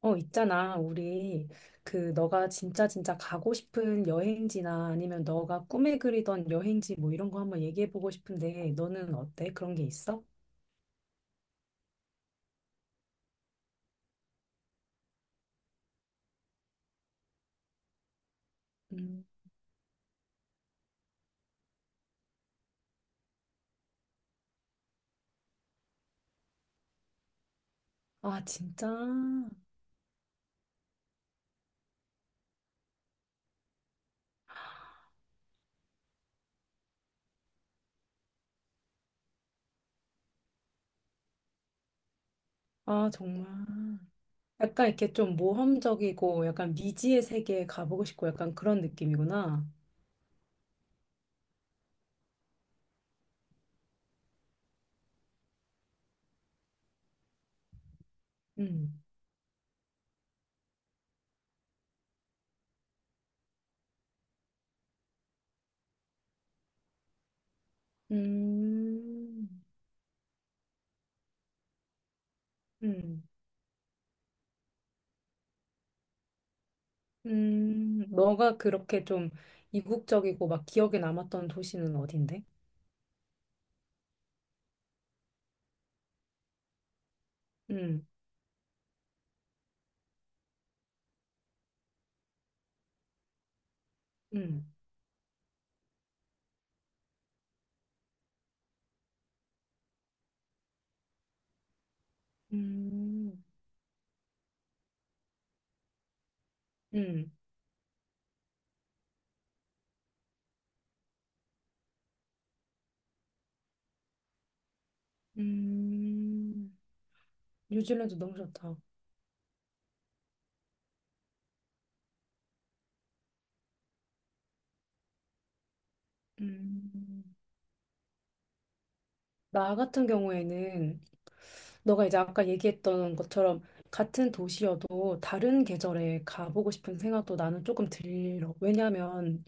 있잖아. 우리 그 너가 진짜 진짜 가고 싶은 여행지나 아니면 너가 꿈에 그리던 여행지 뭐 이런 거 한번 얘기해 보고 싶은데 너는 어때? 그런 게 있어? 음. 아, 진짜? 아, 정말. 약간 이렇게 좀 모험적이고 약간 미지의 세계에 가보고 싶고 약간 그런 느낌이구나. 음. 음. 음. 음. 너가 그렇게 좀 이국적이고 막 기억에 남았던 도시는 어딘데? 음. 음. 음, 음, 음, 뉴질랜드 너무 좋다. 음, 나 같은 경우에는 너가 이제 아까 얘기했던 것처럼 같은 도시여도 다른 계절에 가보고 싶은 생각도 나는 조금 들어. 왜냐면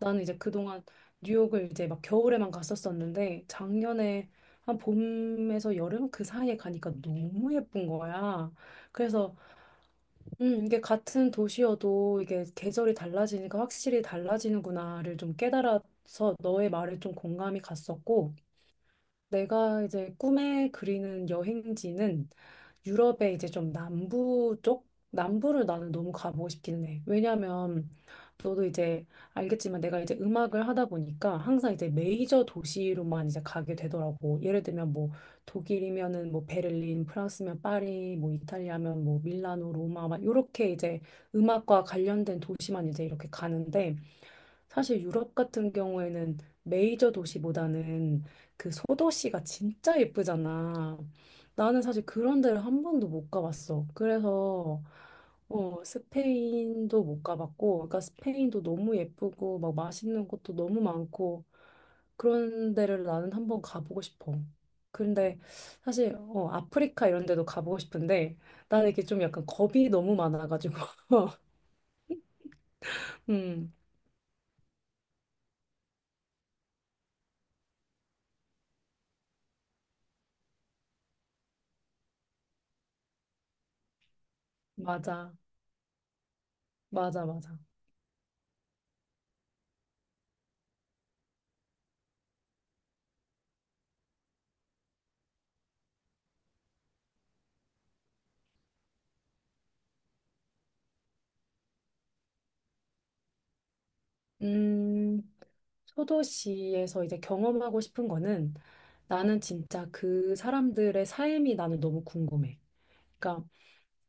나는 이제 그동안 뉴욕을 이제 막 겨울에만 갔었었는데 작년에 한 봄에서 여름 그 사이에 가니까 너무 예쁜 거야. 그래서 이게 같은 도시여도 이게 계절이 달라지니까 확실히 달라지는구나를 좀 깨달아서 너의 말에 좀 공감이 갔었고, 내가 이제 꿈에 그리는 여행지는 유럽의 이제 좀 남부 쪽? 남부를 나는 너무 가보고 싶기는 해. 왜냐면 너도 이제 알겠지만 내가 이제 음악을 하다 보니까 항상 이제 메이저 도시로만 이제 가게 되더라고. 예를 들면 뭐 독일이면은 뭐 베를린, 프랑스면 파리, 뭐 이탈리아면 뭐 밀라노, 로마 막 이렇게 이제 음악과 관련된 도시만 이제 이렇게 가는데 사실 유럽 같은 경우에는 메이저 도시보다는 그 소도시가 진짜 예쁘잖아. 나는 사실 그런 데를 한 번도 못 가봤어. 그래서 스페인도 못 가봤고, 그러니까 스페인도 너무 예쁘고 막 맛있는 곳도 너무 많고 그런 데를 나는 한 번 가보고 싶어. 근데 사실 아프리카 이런 데도 가보고 싶은데 나는 이게 좀 약간 겁이 너무 많아가지고. 음, 맞아. 맞아, 맞아. 음. 소도시에서 이제 경험하고 싶은 거는 나는 진짜 그 사람들의 삶이 나는 너무 궁금해. 그러니까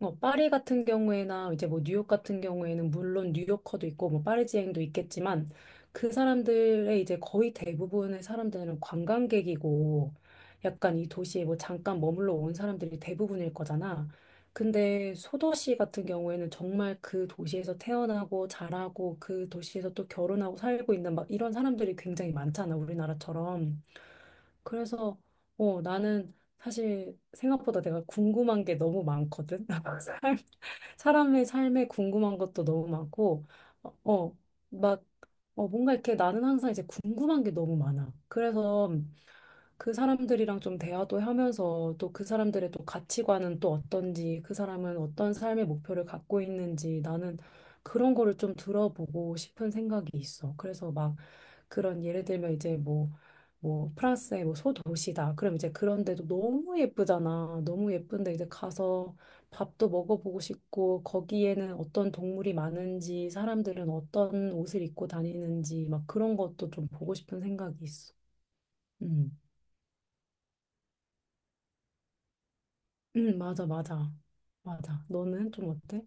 파리 같은 경우에나 이제 뭐 뉴욕 같은 경우에는 물론 뉴요커도 있고 뭐 파리지앵도 있겠지만 그 사람들의 이제 거의 대부분의 사람들은 관광객이고 약간 이 도시에 뭐 잠깐 머물러 온 사람들이 대부분일 거잖아. 근데 소도시 같은 경우에는 정말 그 도시에서 태어나고 자라고 그 도시에서 또 결혼하고 살고 있는 막 이런 사람들이 굉장히 많잖아, 우리나라처럼. 그래서 나는 사실 생각보다 내가 궁금한 게 너무 많거든. 사람- 사람의 삶에 궁금한 것도 너무 많고, 어, 어, 막, 뭔가 이렇게 나는 항상 이제 궁금한 게 너무 많아. 그래서 그 사람들이랑 좀 대화도 하면서 또 그 사람들의 또 가치관은 또 어떤지, 그 사람은 어떤 삶의 목표를 갖고 있는지 나는 그런 거를 좀 들어보고 싶은 생각이 있어. 그래서 막 그런 예를 들면 이제 뭐, 뭐 프랑스의 뭐 소도시다. 그럼 이제 그런데도 너무 예쁘잖아. 너무 예쁜데 이제 가서 밥도 먹어보고 싶고 거기에는 어떤 동물이 많은지, 사람들은 어떤 옷을 입고 다니는지 막 그런 것도 좀 보고 싶은 생각이 있어. 음. 응, 맞아, 맞아. 맞아. 너는 좀 어때?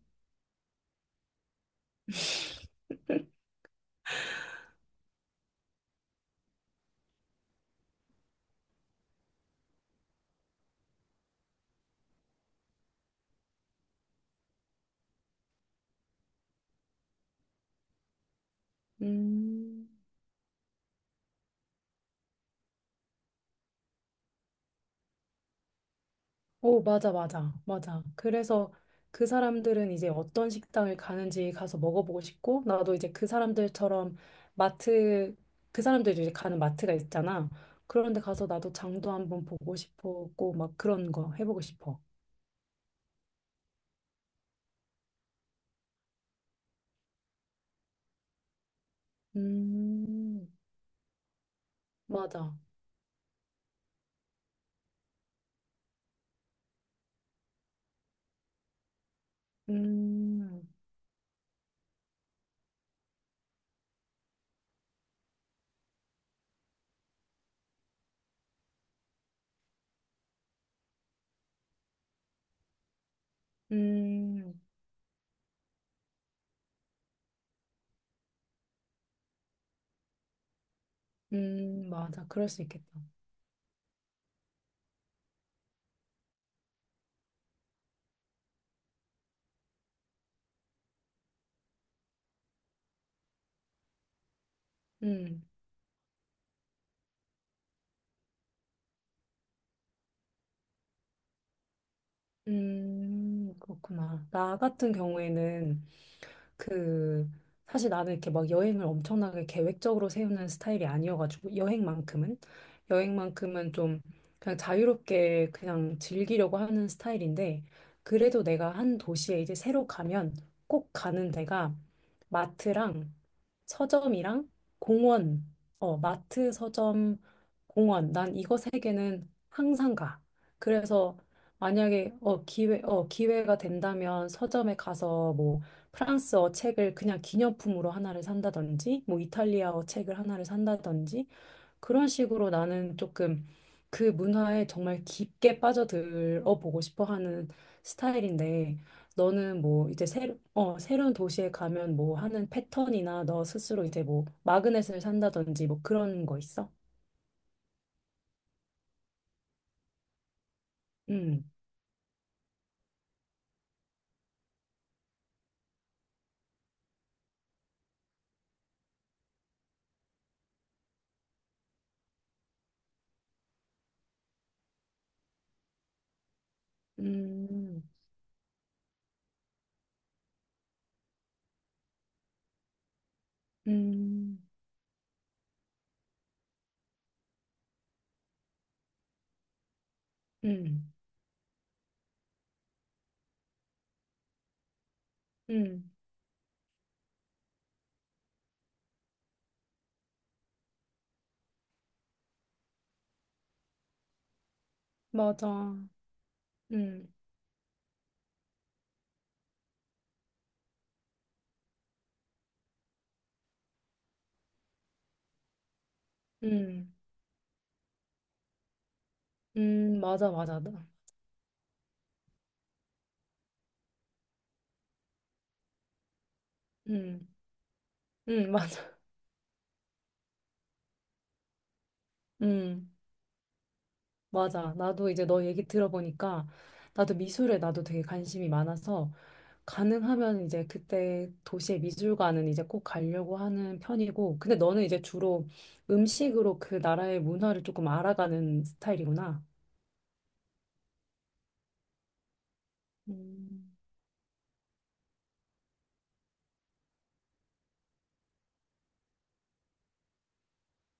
음, 오, 맞아, 맞아, 맞아. 그래서 그 사람들은 이제 어떤 식당을 가는지 가서 먹어보고 싶고, 나도 이제 그 사람들처럼 마트, 그 사람들이 이제 가는 마트가 있잖아. 그런데 가서 나도 장도 한번 보고 싶었고, 막 그런 거 해보고 싶어. 음, 맞아. 음, 음, 맞아. 그럴 수 있겠다. 음. 그렇구나. 나 같은 경우에는 그 사실 나는 이렇게 막 여행을 엄청나게 계획적으로 세우는 스타일이 아니어가지고 여행만큼은 여행만큼은 좀 그냥 자유롭게 그냥 즐기려고 하는 스타일인데 그래도 내가 한 도시에 이제 새로 가면 꼭 가는 데가 마트랑 서점이랑 공원, 마트, 서점, 공원. 난 이거 세 개는 항상 가. 그래서 만약에 기회가 된다면 서점에 가서 뭐 프랑스어 책을 그냥 기념품으로 하나를 산다든지 뭐 이탈리아어 책을 하나를 산다든지 그런 식으로 나는 조금 그 문화에 정말 깊게 빠져들어 보고 싶어 하는 스타일인데 너는 뭐 이제 새로운 도시에 가면 뭐 하는 패턴이나 너 스스로 이제 뭐 마그넷을 산다든지 뭐 그런 거 있어? 음. 음. 음. 음. 음. 맞아. 음, 음, 맞아, 맞아. 나- 음, 맞아. 음, 맞아. 나도 이제 너 얘기 들어보니까 나도 미술에 나도 되게 관심이 많아서 가능하면 이제 그때 도시의 미술관은 이제 꼭 가려고 하는 편이고 근데 너는 이제 주로 음식으로 그 나라의 문화를 조금 알아가는 스타일이구나. 음,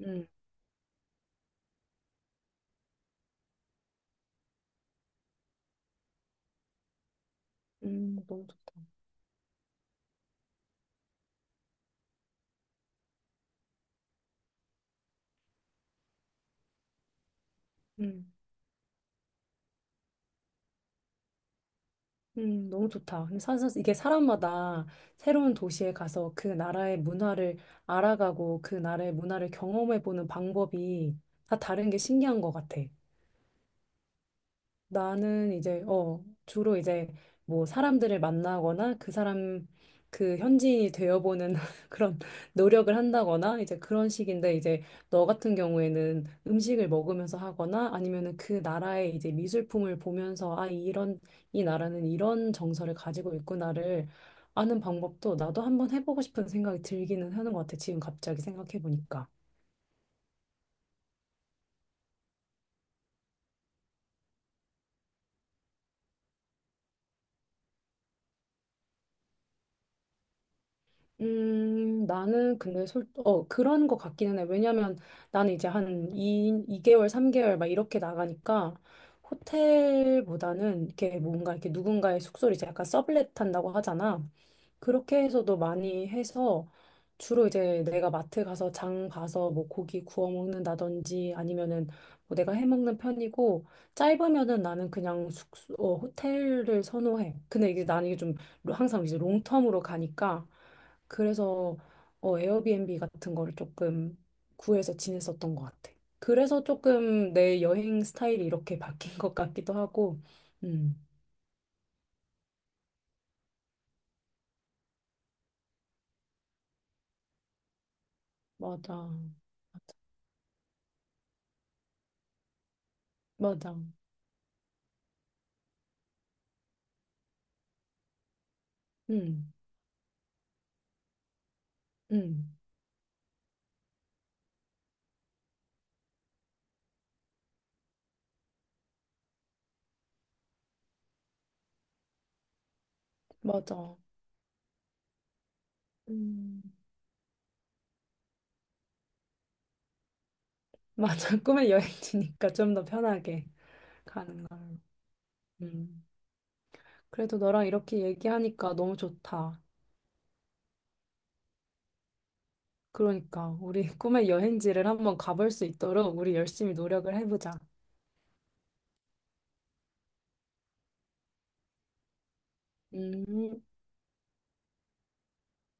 음, 너무 좋다. 음. 너무 좋다. 근데 사실 이게 사람마다 새로운 도시에 가서 그 나라의 문화를 알아가고 그 나라의 문화를 경험해보는 방법이 다 다른 게 신기한 것 같아. 나는 이제 주로 이제 뭐 사람들을 만나거나 그 사람 그 현지인이 되어보는 그런 노력을 한다거나 이제 그런 식인데 이제 너 같은 경우에는 음식을 먹으면서 하거나 아니면은 그 나라의 이제 미술품을 보면서 아 이런 이 나라는 이런 정서를 가지고 있구나를 아는 방법도 나도 한번 해보고 싶은 생각이 들기는 하는 것 같아 지금 갑자기 생각해 보니까. 나는 근데 그런 것 같기는 해. 왜냐면 나는 이제 한 2, 이개월 3개월 막 이렇게 나가니까 호텔보다는 이렇게 뭔가 이렇게 누군가의 숙소를 이제 약간 서블렛 한다고 하잖아. 그렇게 해서도 많이 해서 주로 이제 내가 마트 가서 장 봐서 뭐 고기 구워 먹는다든지 아니면은 뭐 내가 해 먹는 편이고 짧으면은 나는 그냥 호텔을 선호해. 근데 이게 나는 이게 좀 항상 이제 롱텀으로 가니까 그래서 에어비앤비 같은 거를 조금 구해서 지냈었던 것 같아. 그래서 조금 내 여행 스타일이 이렇게 바뀐 것 같기도 하고, 음, 맞아. 맞아. 음, 음, 맞아. 음, 맞아. 꿈의 여행지니까 좀 더 편하게 가는 걸로. 음. 그래도 너랑 이렇게 얘기하니까 너무 좋다. 그러니까 우리 꿈의 여행지를 한번 가볼 수 있도록 우리 열심히 노력을 해보자. 음.